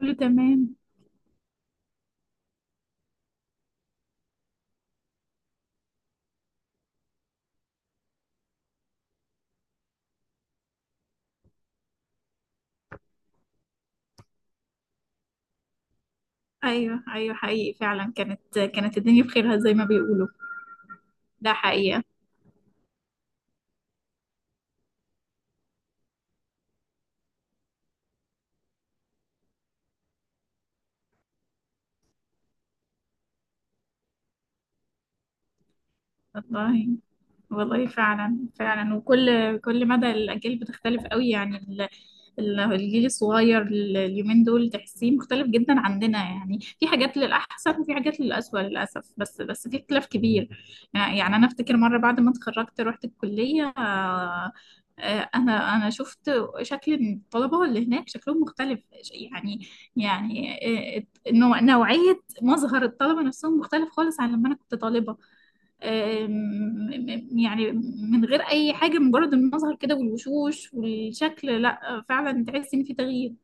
كله تمام. ايوه ايوه، حقيقي فعلا. كانت الدنيا بخيرها زي ما بيقولوا. ده حقيقة. والله والله فعلا فعلا. وكل مدى الاجيال بتختلف قوي يعني. الجيل الصغير، اليومين دول تحسيه مختلف جدا عننا. يعني في حاجات للأحسن وفي حاجات للأسوأ للأسف، بس في اختلاف كبير. يعني أنا أفتكر مرة بعد ما اتخرجت رحت الكلية، أنا شفت شكل الطلبة اللي هناك، شكلهم مختلف. يعني، يعني، آه، نوعية مظهر الطلبة نفسهم مختلف خالص عن لما أنا كنت طالبة. آم، يعني من غير اي حاجه، مجرد المظهر كده والوشوش والشكل، لا فعلا تحس ان في تغيير.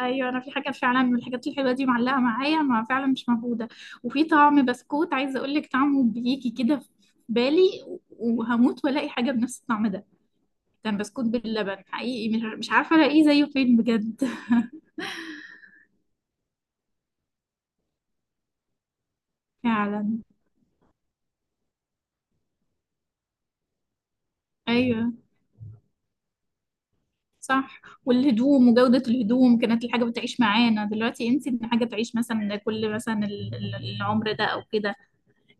ايوه، انا في حاجه فعلا من الحاجات الحلوه دي معلقه معايا، ما فعلا مش موجوده. وفي طعم بسكوت عايزه اقول لك طعمه بيجي كده في بالي، وهموت والاقي حاجه بنفس الطعم ده. كان بسكوت باللبن حقيقي، مش عارفه الاقيه زيه فين بجد. فعلا. ايوه صح. والهدوم وجودة الهدوم، كانت الحاجة بتعيش معانا. دلوقتي انسي ان حاجة تعيش مثلا كل مثلا العمر ده او كده.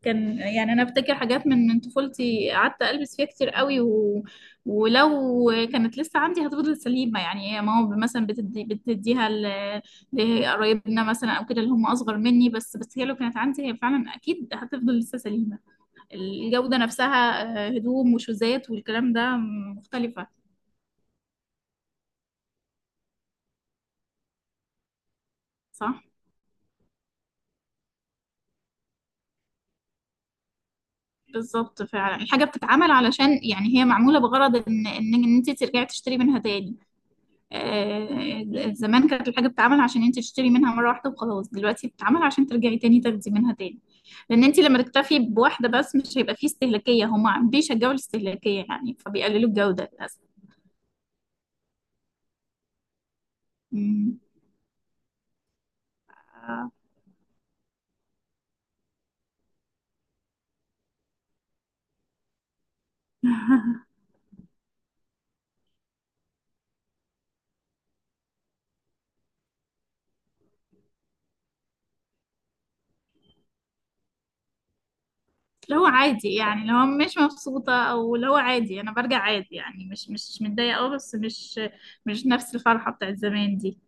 كان يعني انا افتكر حاجات من طفولتي قعدت البس فيها كتير قوي و... ولو كانت لسه عندي هتفضل سليمة. يعني هي ماما مثلا بتديها لقرايبنا مثلا او كده، اللي هم اصغر مني، بس هي لو كانت عندي هي فعلا اكيد هتفضل لسه سليمة. الجودة نفسها. آه، هدوم وشوزات والكلام ده مختلفة. صح. بالظبط، فعلا الحاجة بتتعمل علشان يعني هي معمولة بغرض ان إن انت ترجعي تشتري منها تاني. زمان كانت الحاجة بتتعمل عشان انت تشتري منها مرة واحدة وخلاص، دلوقتي بتتعمل عشان ترجعي تاني تاخدي منها تاني. لان انت لما تكتفي بواحدة بس مش هيبقى فيه استهلاكية، هما بيشجعوا الاستهلاكية يعني فبيقللوا الجودة للأسف. مم. آه. اللي هو عادي، يعني اللي هو مش مبسوطة او اللي هو عادي، انا برجع عادي يعني مش متضايقة، اه بس مش مش نفس الفرحة بتاعت زمان دي.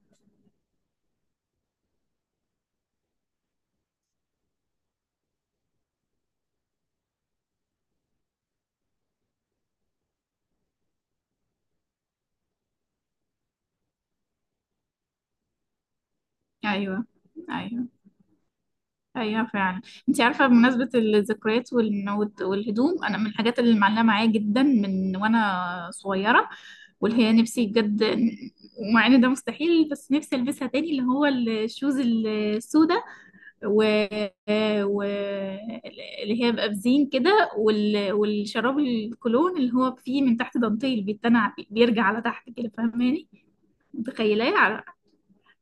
ايوه ايوه، ايوه فعلا. انت عارفه، بمناسبه الذكريات والهدوم، انا من الحاجات اللي معلقه معايا جدا من وانا صغيره، واللي هي نفسي بجد، ومع ان ده مستحيل بس نفسي البسها تاني، اللي هو الشوز السوداء و... و... اللي هي بقى بزين كده، وال... والشراب الكولون اللي هو فيه من تحت دانتيل بيتنع بيرجع على تحت كده، فاهماني؟ متخيلاه؟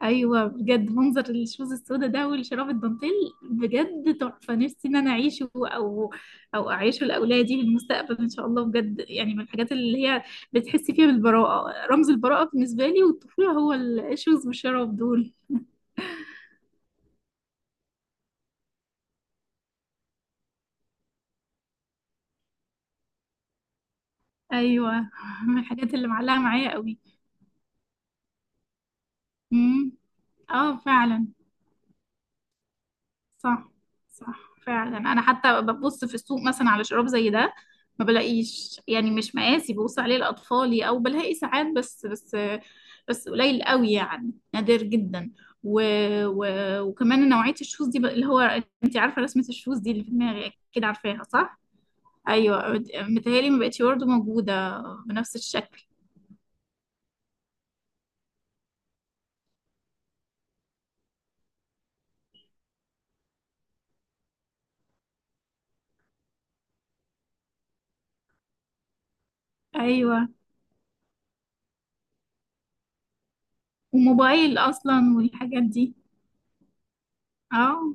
ايوه بجد، منظر الشوز السودا ده والشراب الدانتيل بجد تحفه. نفسي ان انا اعيشه، او او اعيشه لاولادي في المستقبل ان شاء الله بجد. يعني من الحاجات اللي هي بتحسي فيها بالبراءه، رمز البراءه بالنسبه لي والطفوله هو الشوز والشراب دول. ايوه من الحاجات اللي معلقه معايا قوي. امم، اه فعلا. صح صح. فعلا انا حتى ببص في السوق مثلا على شراب زي ده ما بلاقيش، يعني مش مقاسي ببص عليه لاطفالي، او بلاقي ساعات بس قليل قوي يعني نادر جدا. و... و... وكمان نوعية الشوز دي اللي هو انت عارفة رسمة الشوز دي اللي في دماغي، اكيد عارفاها صح. ايوه متهيألي ما بقتش برضه موجودة بنفس الشكل. ايوه، وموبايل اصلا والحاجات دي. اه،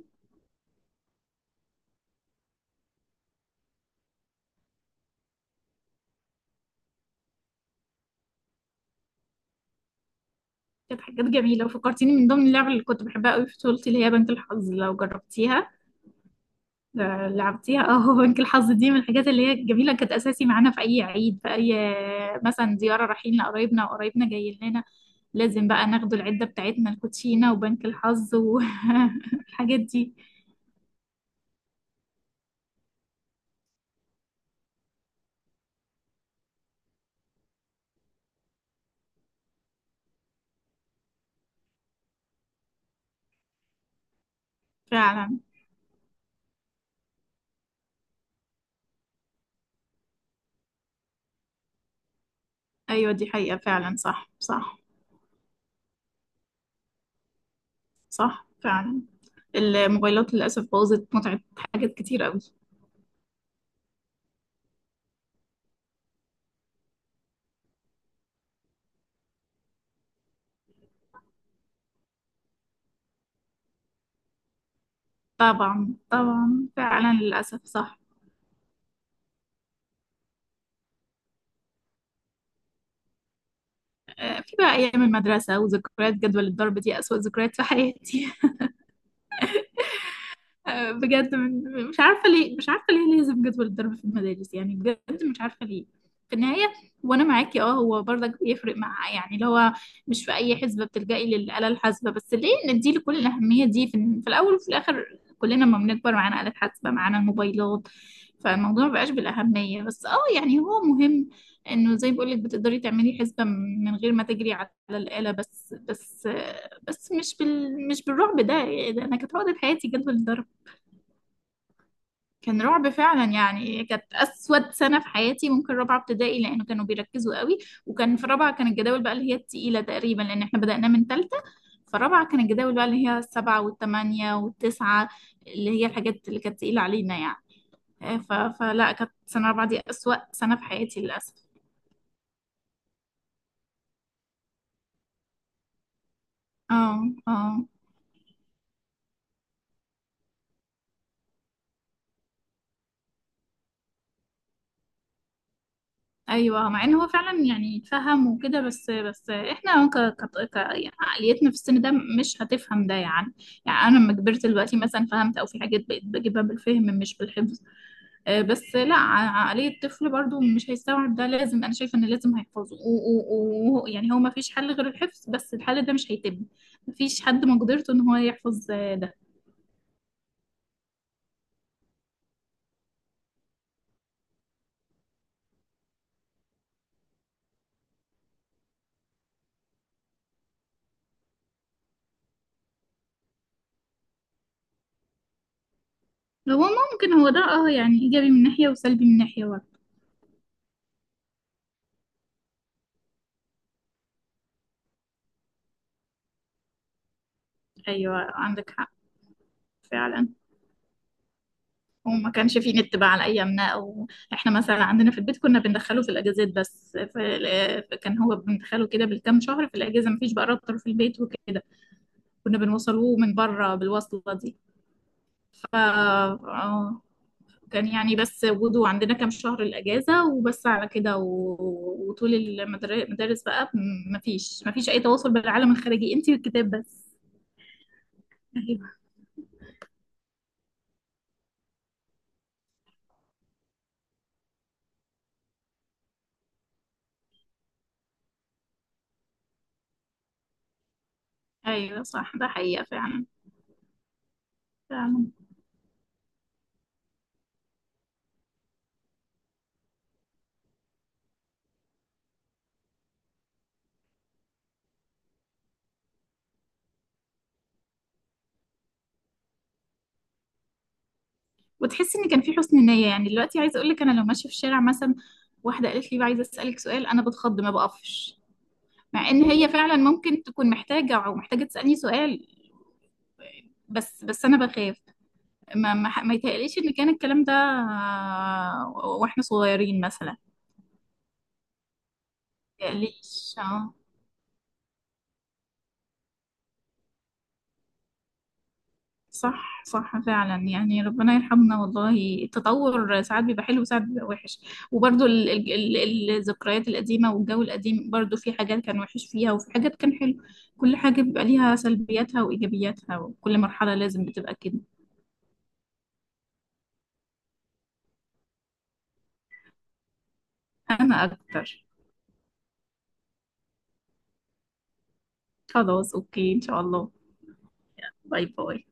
كانت حاجات جميلة. وفكرتيني من ضمن اللعب اللي كنت بحبها قوي في طفولتي اللي هي بنك الحظ، لو جربتيها. لعبتيها، اه. بنك الحظ دي من الحاجات اللي هي الجميلة، كانت أساسي معانا في أي عيد، في أي مثلا زيارة رايحين لقرايبنا، وقرايبنا جايين لنا، لازم بقى ناخدوا العدة بتاعتنا الكوتشينة وبنك الحظ والحاجات دي. فعلا. أيوة دي حقيقة فعلا. صح صح، صح فعلا. الموبايلات للأسف بوظت متعة حاجات كتير قوي. طبعا طبعا، فعلا للأسف صح. في بقى أيام المدرسة، وذكريات جدول الضرب دي أسوأ ذكريات في حياتي. بجد، مش عارفه ليه، مش عارفه ليه لازم جدول الضرب في المدارس، يعني بجد مش عارفه ليه في النهايه. وانا معاكي، اه هو برضك بيفرق مع يعني اللي هو مش في اي حسبه بتلجئي للاله الحاسبه، بس ليه ندي لكل الاهميه دي في الاول وفي الاخر؟ كلنا لما بنكبر معانا آلة حاسبه، معانا الموبايلات، فالموضوع مبقاش بالاهميه. بس اه يعني هو مهم انه زي ما بقولك بتقدري تعملي حسبه من غير ما تجري على الاله، بس مش بال مش بالرعب ده، يعني ده انا كانت عقدة حياتي جدول الضرب. كان رعب فعلا، يعني كانت اسود سنه في حياتي ممكن رابعه ابتدائي، لانه كانوا بيركزوا قوي. وكان في رابعه كان الجداول بقى اللي هي التقيله تقريبا، لان احنا بدأنا من ثالثه، فرابعه كان الجداول بقى اللي هي السبعه والثمانيه والتسعه، اللي هي الحاجات اللي كانت تقيله علينا يعني. فلا كانت سنه رابعه دي اسوأ سنه في حياتي للاسف. اه، اه. ايوه، مع ان هو فعلا يعني يتفهم وكده، بس احنا ك... يعني عقليتنا في السن ده مش هتفهم ده يعني. يعني انا لما كبرت دلوقتي مثلا فهمت، او في حاجات بقيت بجيبها بالفهم مش بالحفظ. بس لا، عقلية الطفل برضو مش هيستوعب ده، لازم. انا شايفه ان لازم هيحفظه، ويعني يعني هو ما فيش حل غير الحفظ، بس الحل ده مش هيتم. ما فيش حد مقدرته ان هو يحفظ ده. هو ممكن هو ده، اه يعني ايجابي من ناحية وسلبي من ناحية برضه. ايوه عندك حق فعلا. وما كانش فيه نت بقى على ايامنا، او احنا مثلا عندنا في البيت كنا بندخله في الاجازات بس. كان هو بندخله كده بالكام شهر في الاجازه، مفيش بقى راوتر في البيت وكده، كنا بنوصلوه من بره بالوصله دي. ف آه، كان يعني بس وجوده عندنا كام شهر الاجازه وبس على كده. و... وطول المدارس بقى مفيش اي تواصل بالعالم الخارجي، انتي والكتاب بس. ايوه ايوه، صح ده حقيقه فعلا. فعلا. وتحس ان كان في حسن نية. يعني دلوقتي عايزة اقول لك انا لو ماشية في الشارع مثلا واحدة قالت لي بقى عايزة اسألك سؤال، انا بتخض ما بقفش. مع ان هي فعلا ممكن تكون محتاجة او محتاجة تسألني سؤال، بس انا بخاف. ما يتهيأليش ان كان الكلام ده، واحنا صغيرين مثلا، ما يتهيأليش. صح صح فعلا. يعني ربنا يرحمنا والله، التطور ساعات بيبقى حلو وساعات بيبقى وحش. وبرضو الذكريات القديمة والجو القديم برضو في حاجات كان وحش فيها وفي حاجات كان حلو. كل حاجة بيبقى ليها سلبياتها وإيجابياتها، وكل مرحلة لازم بتبقى كده. أنا أكتر. خلاص أوكي إن شاء الله. باي باي.